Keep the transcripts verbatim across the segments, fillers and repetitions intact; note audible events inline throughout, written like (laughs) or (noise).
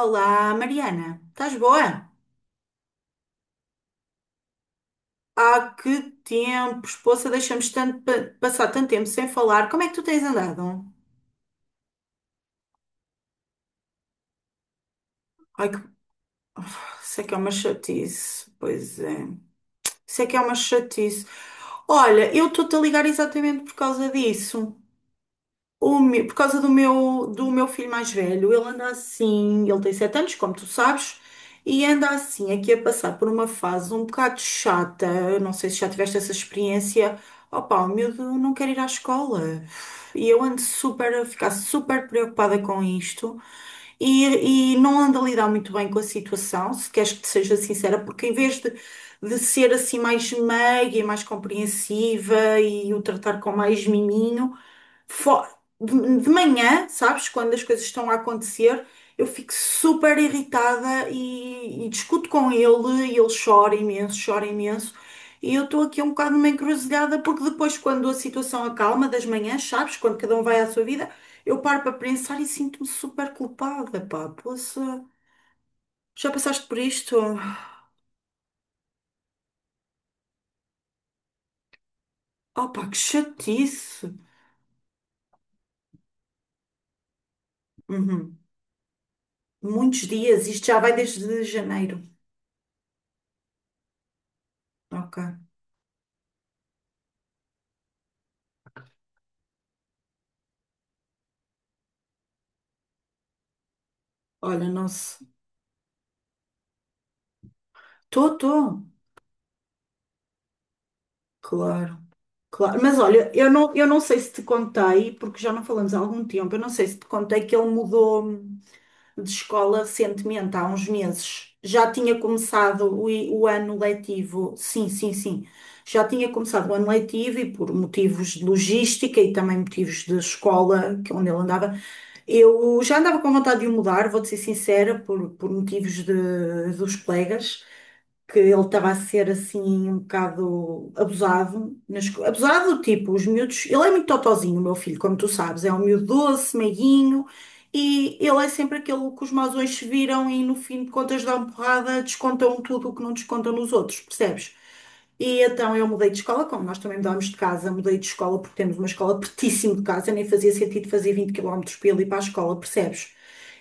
Olá, Mariana, estás boa? Há que tempo, esposa, deixamos tanto pa- passar tanto tempo sem falar. Como é que tu tens andado? Ai, que, isso é que é uma chatice. Pois é, isso é que é uma chatice. Olha, eu estou-te a ligar exatamente por causa disso. O me- por causa do meu, do meu filho mais velho, ele anda assim, ele tem sete anos, como tu sabes, e anda assim, aqui a passar por uma fase um bocado chata. Eu não sei se já tiveste essa experiência. Opa, o miúdo não quer ir à escola. E eu ando super, a ficar super preocupada com isto e, e não anda a lidar muito bem com a situação, se queres que te seja sincera, porque em vez de, de ser assim mais meiga e mais compreensiva e o tratar com mais miminho, fo- de, de manhã, sabes, quando as coisas estão a acontecer, eu fico super irritada e, e discuto com ele e ele chora imenso, chora imenso. E eu estou aqui um bocado numa encruzilhada, porque depois, quando a situação acalma das manhãs, sabes, quando cada um vai à sua vida. Eu paro para pensar e sinto-me super culpada, pá. Poxa, já passaste por isto? Oh, pá, que chatice. Uhum. Muitos dias, isto já vai desde janeiro. Ok. Olha, nossa. Tô, tô. Claro, claro. Mas olha, eu não, eu não sei se te contei, porque já não falamos há algum tempo, eu não sei se te contei que ele mudou de escola recentemente, há uns meses. Já tinha começado o, i- o ano letivo, sim, sim, sim. Já tinha começado o ano letivo e por motivos de logística e também motivos de escola, que é onde ele andava, eu já andava com vontade de o mudar, vou-te ser sincera, por, por motivos de- dos colegas que ele estava a ser assim um bocado abusado, na esco- abusado do tipo, os miúdos, ele é muito totozinho, o meu filho, como tu sabes, é um miúdo doce, meiguinho, e ele é sempre aquele que os mausões se viram e no fim de contas dão porrada, descontam tudo o que não descontam nos outros, percebes? E então eu mudei de escola, como nós também mudámos de casa, mudei de escola porque temos uma escola pertíssimo de casa, nem fazia sentido fazer vinte quilómetros para ele ir ali para a escola, percebes?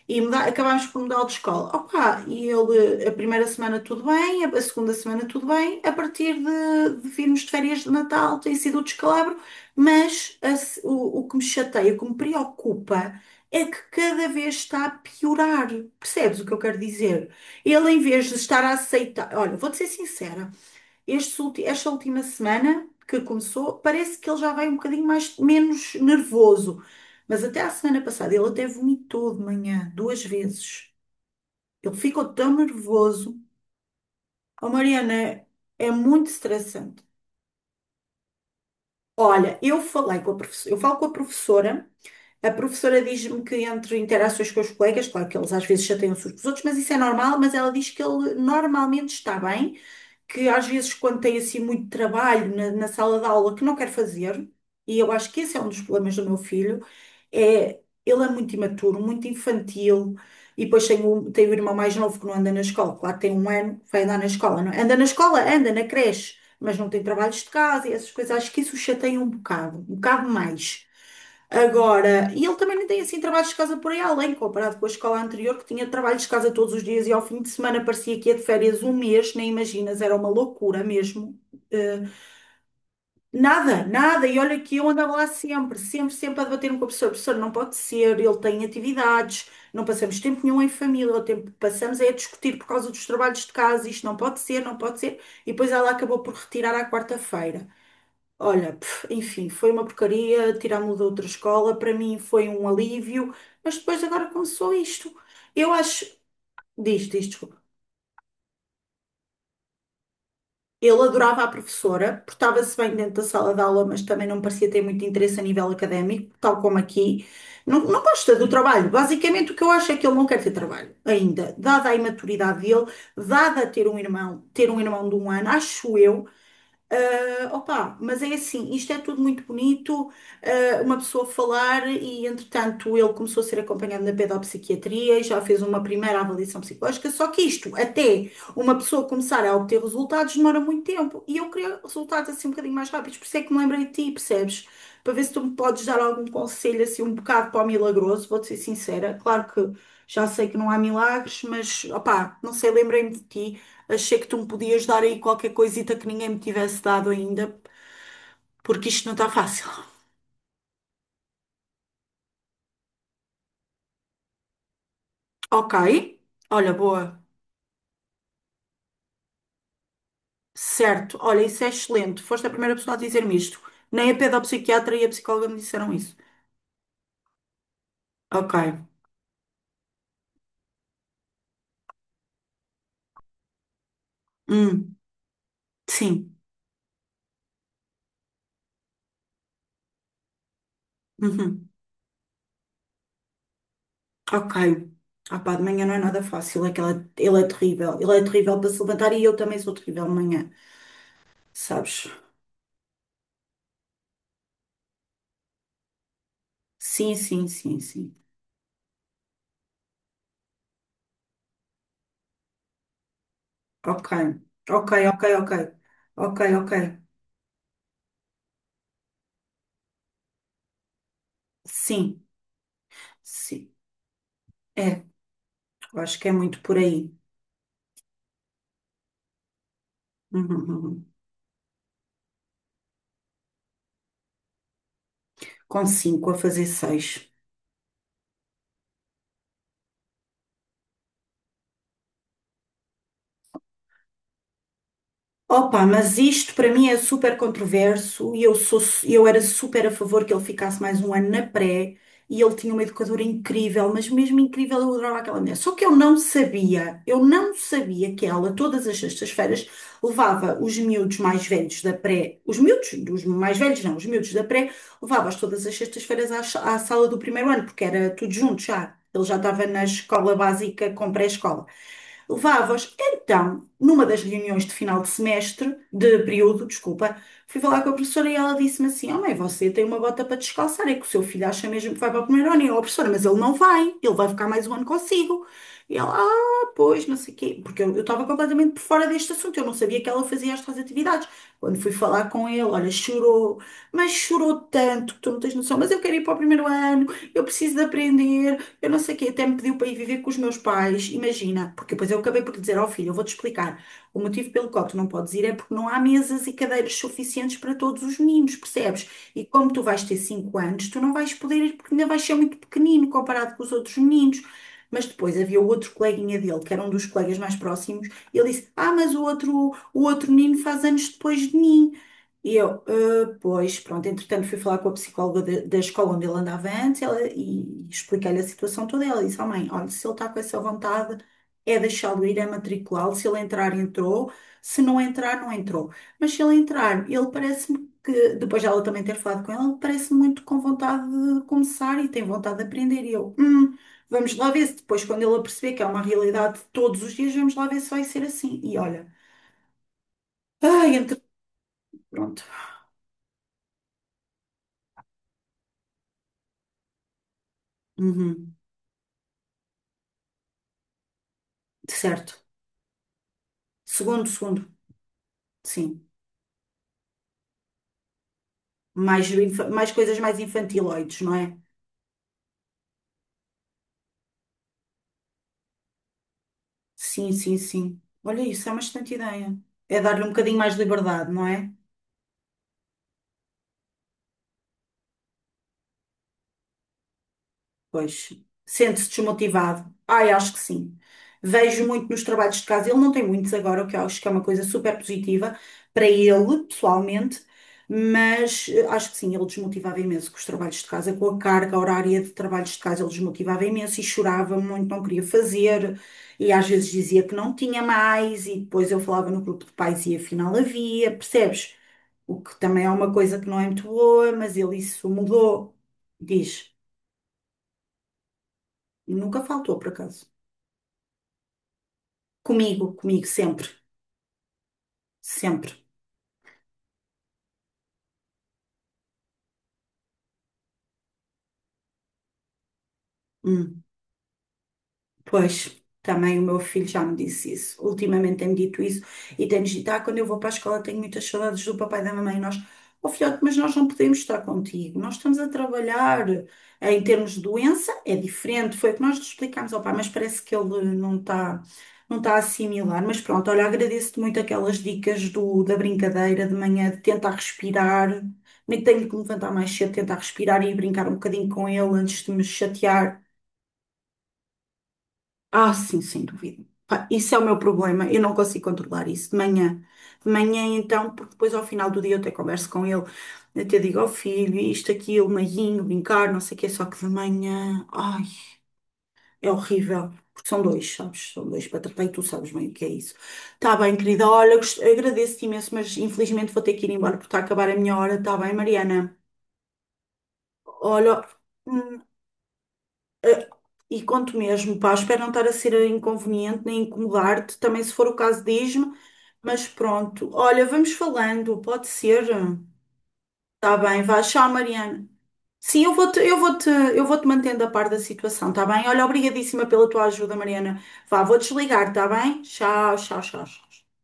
E muda- acabámos por mudar de escola. Opa, e ele, a primeira semana tudo bem, a a segunda semana tudo bem, a partir de, de virmos de férias de Natal tem sido o descalabro, mas a se- o, o que me chateia, o que me preocupa é que cada vez está a piorar. Percebes o que eu quero dizer? Ele, em vez de estar a aceitar, olha, vou-te ser sincera. Este ulti- esta última semana que começou, parece que ele já vai um bocadinho mais, menos nervoso. Mas até à semana passada ele até vomitou de manhã, duas vezes. Ele ficou tão nervoso. A Mariana é muito estressante. Olha, eu falei com a professora, eu falo com a professora. A professora diz-me que entre interações com os colegas, claro que eles às vezes chateiam-se uns com os outros, mas isso é normal, mas ela diz que ele normalmente está bem. Que às vezes quando tem assim muito trabalho na, na sala de aula que não quer fazer, e eu acho que esse é um dos problemas do meu filho, é ele é muito imaturo, muito infantil, e depois tem o, tem o irmão mais novo que não anda na escola, claro, tem um ano, vai andar na escola, não é? Anda na escola, anda na creche, mas não tem trabalhos de casa e essas coisas, acho que isso o chateia um bocado, um bocado mais. Agora, e ele também nem tem assim trabalhos de casa por aí além, comparado com a escola anterior, que tinha trabalhos de casa todos os dias e ao fim de semana parecia que ia de férias um mês, nem imaginas, era uma loucura mesmo. Eh, nada, nada, e olha que eu andava lá sempre, sempre, sempre a debater-me com o professor, professor, não pode ser, ele tem atividades, não passamos tempo nenhum em família, o tempo que passamos é a discutir por causa dos trabalhos de casa, isto não pode ser, não pode ser, e depois ela acabou por retirar à quarta-feira. Olha, pff, enfim, foi uma porcaria, tirar-me de outra escola, para mim foi um alívio, mas depois agora começou isto. Eu acho, diz, diz, desculpa. Ele adorava a professora, portava-se bem dentro da sala de aula, mas também não parecia ter muito interesse a nível académico, tal como aqui. Não, não gosta do trabalho. Basicamente, o que eu acho é que ele não quer ter trabalho ainda, dada a imaturidade dele, dada ter um irmão, ter um irmão de um ano, acho eu. Ah, opa, mas é assim, isto é tudo muito bonito, ah, uma pessoa falar e, entretanto, ele começou a ser acompanhado na pedopsiquiatria e já fez uma primeira avaliação psicológica, só que isto, até uma pessoa começar a obter resultados, demora muito tempo e eu queria resultados assim um bocadinho mais rápidos, por isso é que me lembrei de ti, percebes? Para ver se tu me podes dar algum conselho assim um bocado para o milagroso, vou-te ser sincera, claro que já sei que não há milagres, mas, opa, não sei, lembrei-me de ti. Achei que tu me podias dar aí qualquer coisita que ninguém me tivesse dado ainda, porque isto não está fácil. (laughs) Ok, olha, boa. Certo, olha, isso é excelente. Foste a primeira pessoa a dizer-me isto. Nem a pedopsiquiatra e a psicóloga me disseram isso. Ok, hum, sim, uhum. Ok. Ah pá, de manhã não é nada fácil, é que ela- ele é terrível. Ele é terrível para se levantar e eu também sou terrível de manhã, sabes? Sim, sim, sim, sim. Ok, ok, ok, ok. Ok, ok. Sim, sim. É, eu acho que é muito por aí. Uhum, uhum. Com cinco a fazer seis. Opa, mas isto para mim é super controverso e eu sou, eu era super a favor que ele ficasse mais um ano na pré e ele tinha uma educadora incrível, mas mesmo incrível eu adorava aquela mulher. Só que eu não sabia, eu não sabia que ela todas as sextas-feiras levava os miúdos mais velhos da pré, os miúdos, os mais velhos não, os miúdos da pré, levava-os todas as sextas-feiras à, sa- à sala do primeiro ano, porque era tudo junto já. Ele já estava na escola básica com pré-escola, levava-os. Então, numa das reuniões de final de semestre, de período, desculpa, fui falar com a professora e ela disse-me assim: "Oh, mãe, você tem uma bota para descalçar, é que o seu filho acha mesmo que vai para o primeiro ano." E eu, "Oh, professora, mas ele não vai, ele vai ficar mais um ano consigo." E ela, "Ah, pois, não sei o quê", porque eu eu estava completamente por fora deste assunto, eu não sabia que ela fazia estas atividades. Quando fui falar com ele, olha, chorou, mas chorou tanto que tu não tens noção, mas eu quero ir para o primeiro ano, eu preciso de aprender, eu não sei o quê, até me pediu para ir viver com os meus pais, imagina, porque depois eu acabei por lhe dizer ao filho, eu vou-te explicar, o motivo pelo qual tu não podes ir é porque não há mesas e cadeiras suficientes para todos os meninos, percebes? E como tu vais ter cinco anos, tu não vais poder ir porque ainda vais ser muito pequenino comparado com os outros meninos. Mas depois havia o outro coleguinha dele, que era um dos colegas mais próximos, e ele disse: "Ah, mas o outro, o outro menino faz anos depois de mim." E eu, "Ah, pois, pronto", entretanto fui falar com a psicóloga da, da escola onde ele andava antes, ela, e expliquei-lhe a situação toda. Ela disse, "Oh mãe, olha, se ele está com essa vontade, é deixá-lo ir, é matriculá-lo. Se ele entrar, entrou. Se não entrar, não entrou. Mas se ele entrar", ele parece-me que, depois de ela também ter falado com ele, parece muito com vontade de começar e tem vontade de aprender. E eu, hum, vamos lá ver se depois, quando ele perceber que é uma realidade de todos os dias, vamos lá ver se vai ser assim. E olha, ai, entre... Pronto. Uhum, certo. Segundo, segundo, sim. Mais, infa- Mais coisas mais infantiloides, não é? Sim, sim, sim. Olha, isso é uma excelente ideia. É dar-lhe um bocadinho mais de liberdade, não é? Pois, sente-se desmotivado. Ai, acho que sim. Vejo muito nos trabalhos de casa. Ele não tem muitos agora, o que eu acho que é uma coisa super positiva para ele, pessoalmente, mas eh, acho que sim, ele desmotivava imenso com os trabalhos de casa, com a carga horária de trabalhos de casa, ele desmotivava imenso e chorava muito, não queria fazer, e às vezes dizia que não tinha mais, e depois eu falava no grupo de pais e afinal havia, percebes? O que também é uma coisa que não é muito boa, mas ele isso mudou. Diz. Nunca faltou, por acaso. Comigo, comigo, sempre. Sempre. Hum. Pois, também o meu filho já me disse isso. Ultimamente tem-me dito isso e tem-nos dito: "Ah, quando eu vou para a escola tenho muitas saudades do papai e da mamãe." E nós, "Oh filhote, mas nós não podemos estar contigo. Nós estamos a trabalhar, em termos de doença, é diferente." Foi o que nós lhe explicámos ao pai, mas parece que ele não está, não está a assimilar. Mas pronto, olha, agradeço-te muito aquelas dicas do, da brincadeira de manhã, de tentar respirar. Nem que tenho que me levantar mais cedo, tentar respirar e brincar um bocadinho com ele antes de me chatear. Ah, sim, sem dúvida. Pá, isso é o meu problema. Eu não consigo controlar isso de manhã. De manhã, então, porque depois ao final do dia eu até converso com ele. Eu até digo ao filho, isto, aquilo, meiguinho, brincar, não sei o quê. Só que de manhã, ai, é horrível. Porque são dois, sabes? São dois para tratar e tu sabes bem o que é isso. Tá bem, querida. Olha, gost- agradeço-te imenso, mas infelizmente vou ter que ir embora porque está a acabar a minha hora. Tá bem, Mariana? Olha, hum, e conto mesmo, pá, espero não estar a ser inconveniente nem incomodar-te, também se for o caso diz-me, mas pronto. Olha, vamos falando, pode ser? Tá bem, vá, tchau, Mariana. Sim, eu vou-te, eu vou-te, eu vou-te mantendo a par da situação, tá bem? Olha, obrigadíssima pela tua ajuda, Mariana. Vá, vou desligar, tá bem? Tchau, tchau, tchau, tchau.